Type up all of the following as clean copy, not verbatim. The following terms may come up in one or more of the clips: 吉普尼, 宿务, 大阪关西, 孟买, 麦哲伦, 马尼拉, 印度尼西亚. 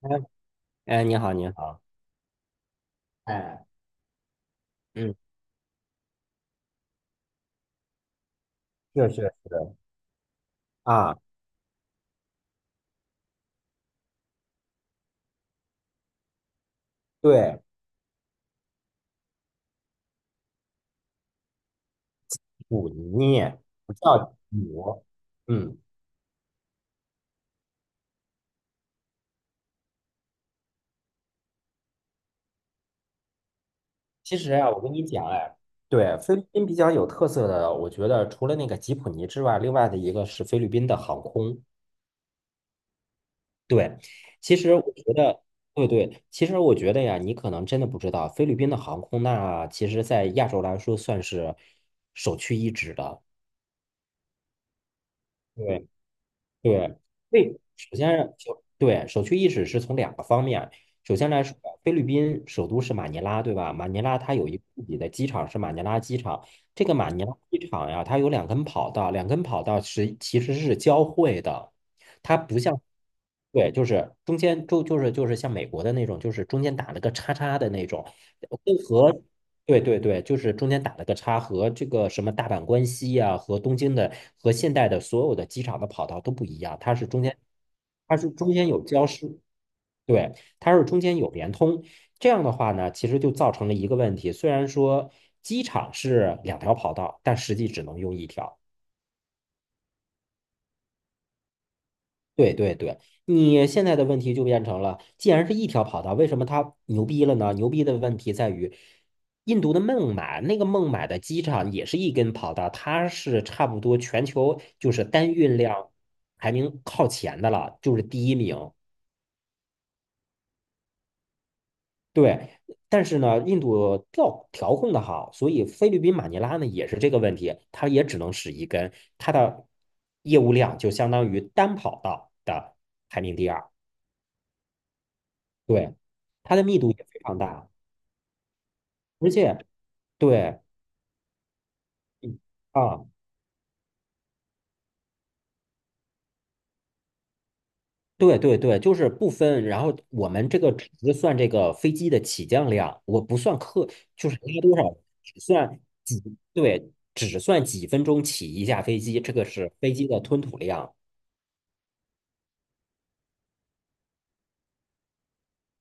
哎，哎，你好，你好。哎，嗯，是是是啊。对，普尼。不叫普。嗯，其实啊，我跟你讲，哎。对，菲律宾比较有特色的，我觉得除了那个吉普尼之外，另外的一个是菲律宾的航空。对，其实我觉得，对对，其实我觉得呀，你可能真的不知道，菲律宾的航空那其实在亚洲来说算是首屈一指的。对，对，对，首先是首对首屈一指是从两个方面。首先来说，菲律宾首都是马尼拉，对吧？马尼拉它有一个自己的机场，是马尼拉机场。这个马尼拉机场呀，它有两根跑道，两根跑道是其实是交汇的。它不像……对，就是中间就是像美国的那种，就是中间打了个叉叉的那种。跟和对对对，就是中间打了个叉，和这个什么大阪关西呀、和东京的和现代的所有的机场的跑道都不一样。它是中间……它是中间有交失，对，它是中间有联通。这样的话呢，其实就造成了一个问题，虽然说机场是两条跑道，但实际只能用一条。对对对，你现在的问题就变成了，既然是一条跑道，为什么它牛逼了呢？牛逼的问题在于，印度的孟买，那个孟买的机场也是一根跑道，它是差不多全球就是单运量排名靠前的了，就是第一名。对，但是呢，印度调控的好，所以菲律宾马尼拉呢也是这个问题，它也只能使一根，它的业务量就相当于单跑道的排名第二。对，它的密度也非常大，而且对，嗯啊，对对对，就是不分。然后我们这个只是算这个飞机的起降量，我不算客，就是拉多少，只算几，对，只算几分钟起一架飞机，这个是飞机的吞吐量。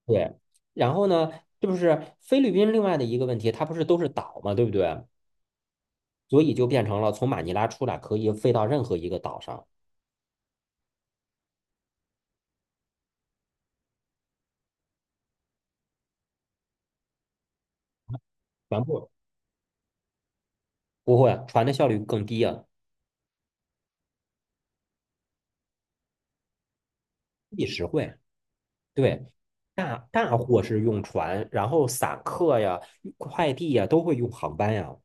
对，然后呢，就是菲律宾另外的一个问题，它不是都是岛嘛，对不对？所以就变成了从马尼拉出来可以飞到任何一个岛上。全部不会，船的效率更低啊。地实惠。对，大大货是用船，然后散客呀、快递呀都会用航班呀。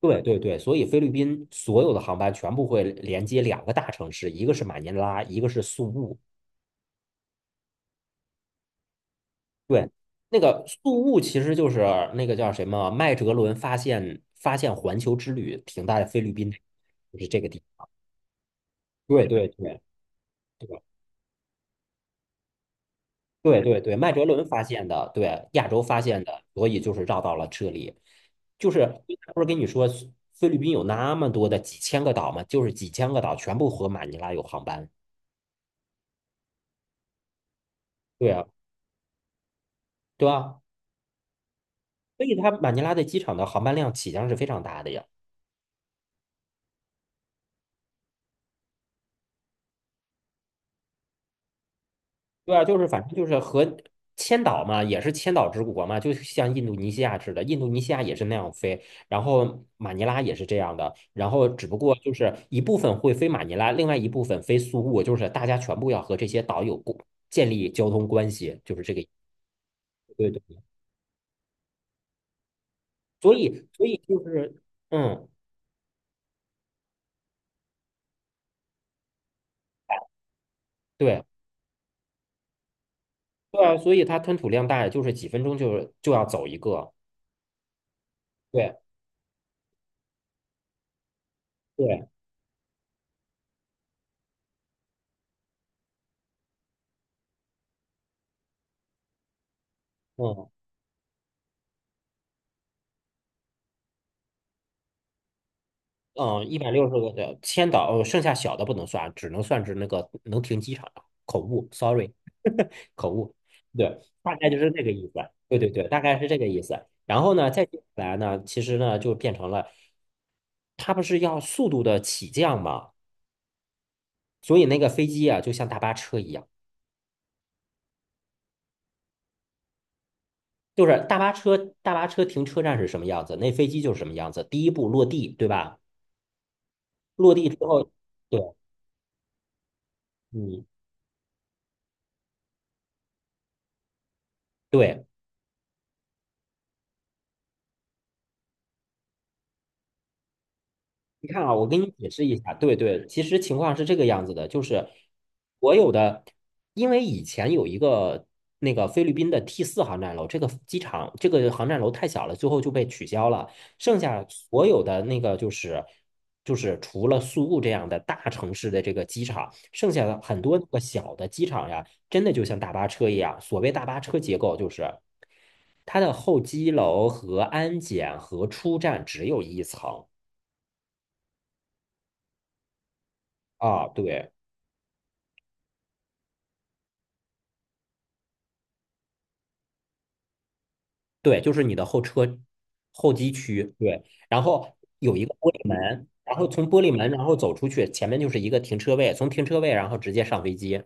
对对对，所以菲律宾所有的航班全部会连接两个大城市，一个是马尼拉，一个是宿务。对，那个宿务其实就是那个叫什么麦哲伦发现环球之旅停在菲律宾，就是这个地。对对对对对对对，麦哲伦发现的，对，亚洲发现的，所以就是绕到了这里。就是不是跟你说菲律宾有那么多的几千个岛吗？就是几千个岛全部和马尼拉有航班。对啊，对吧？所以它马尼拉的机场的航班量起降是非常大的呀。对啊，就是反正就是和千岛嘛，也是千岛之国嘛，就像印度尼西亚似的，印度尼西亚也是那样飞，然后马尼拉也是这样的，然后只不过就是一部分会飞马尼拉，另外一部分飞苏务，就是大家全部要和这些岛有过建立交通关系，就是这个意思。对对，所以就是嗯，对，对啊，所以它吞吐量大，就是几分钟就要走一个。对对，嗯。嗯，160个的千岛，哦剩下小的不能算，只能算是那个能停机场的。口误，sorry。口误。对，大概就是这个意思。对对对，大概是这个意思。然后呢，再接下来呢，其实呢就变成了，它不是要速度的起降嘛，所以那个飞机啊，就像大巴车一样。就是大巴车，大巴车停车站是什么样子，那飞机就是什么样子。第一步落地，对吧？落地之后，对，嗯。对，你看啊，我给你解释一下，对对，其实情况是这个样子的，就是所有的，因为以前有一个那个菲律宾的 T4航站楼，这个机场这个航站楼太小了，最后就被取消了，剩下所有的那个就是除了宿务这样的大城市的这个机场，剩下的很多个小的机场呀，真的就像大巴车一样，所谓大巴车结构就是它的候机楼和安检和出站只有一层啊，对。对，就是你的候车候机区，对，然后有一个玻璃门，然后从玻璃门然后走出去，前面就是一个停车位，从停车位然后直接上飞机。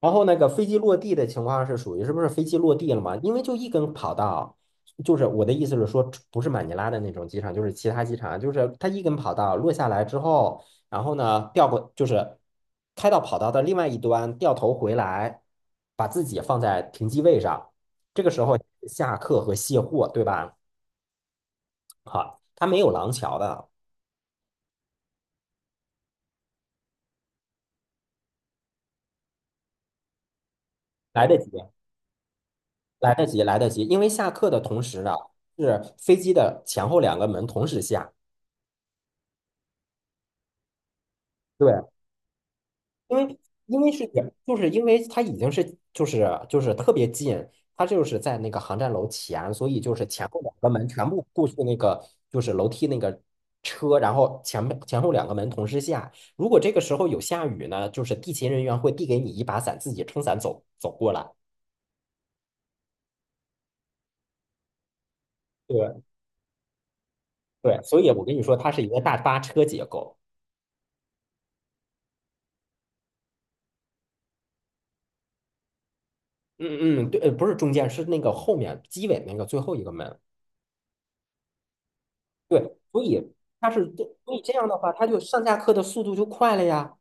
然后那个飞机落地的情况是属于是不是飞机落地了嘛？因为就一根跑道，就是我的意思是说，不是马尼拉的那种机场，就是其他机场，就是它一根跑道落下来之后，然后呢掉过就是开到跑道的另外一端，掉头回来，把自己放在停机位上，这个时候下客和卸货，对吧？好，它没有廊桥的。来得及，来得及，来得及，因为下客的同时啊，是飞机的前后两个门同时下。对，因为因为是就是因为它已经是就是就是特别近，它就是在那个航站楼前，所以就是前后两个门全部过去那个就是楼梯那个车，然后前后两个门同时下。如果这个时候有下雨呢，就是地勤人员会递给你一把伞，自己撑伞走过来。对对，所以我跟你说，它是一个大巴车结构。嗯嗯，对，不是中间，是那个后面机尾那个最后一个门。对，所以所以这样的话，它就上下课的速度就快了呀。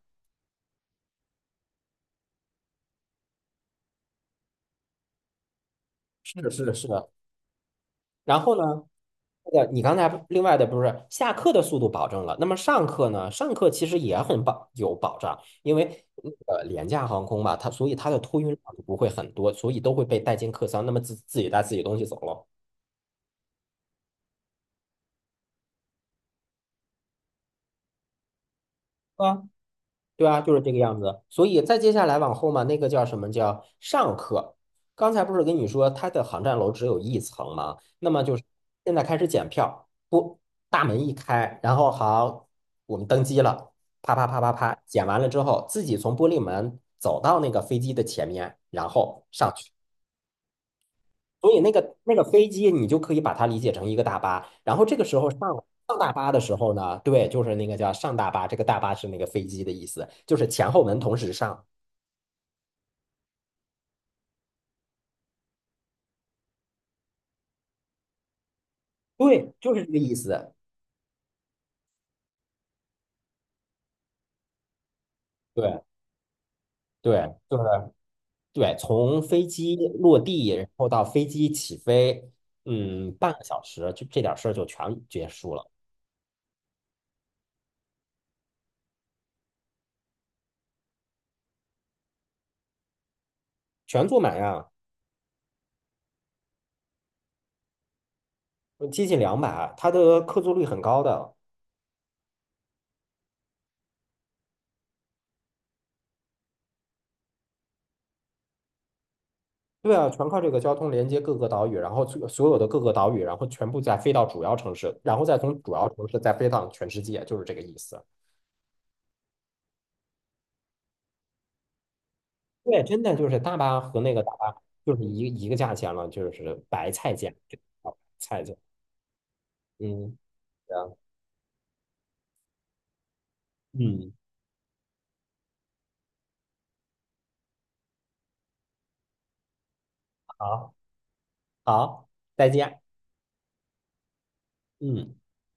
是的，是的，是的。然后呢，那个你刚才另外的不是下课的速度保证了，那么上课呢？上课其实也有保障，因为廉价航空嘛，它所以它的托运量不会很多，所以都会被带进客舱，那么自己带自己东西走了。啊。对啊，就是这个样子。所以再接下来往后嘛，那个叫什么叫上课？刚才不是跟你说它的航站楼只有一层吗？那么就是现在开始检票，不，大门一开，然后好，我们登机了，啪啪啪啪啪，检完了之后，自己从玻璃门走到那个飞机的前面，然后上去。所以那个飞机，你就可以把它理解成一个大巴。然后这个时候上大巴的时候呢，对，就是那个叫上大巴，这个大巴是那个飞机的意思，就是前后门同时上。对，就是这个意思。对对，就是对，从飞机落地，然后到飞机起飞，嗯，半个小时，就这点事儿就全结束了。全坐满呀，接近200，它的客座率很高的。对啊，全靠这个交通连接各个岛屿，然后所有的各个岛屿，然后全部再飞到主要城市，然后再从主要城市再飞到全世界，就是这个意思。对，真的就是大巴和那个大巴就是一个一个价钱了，就是白菜价，这个叫白菜价。嗯，对啊，嗯，好，好，再见。嗯。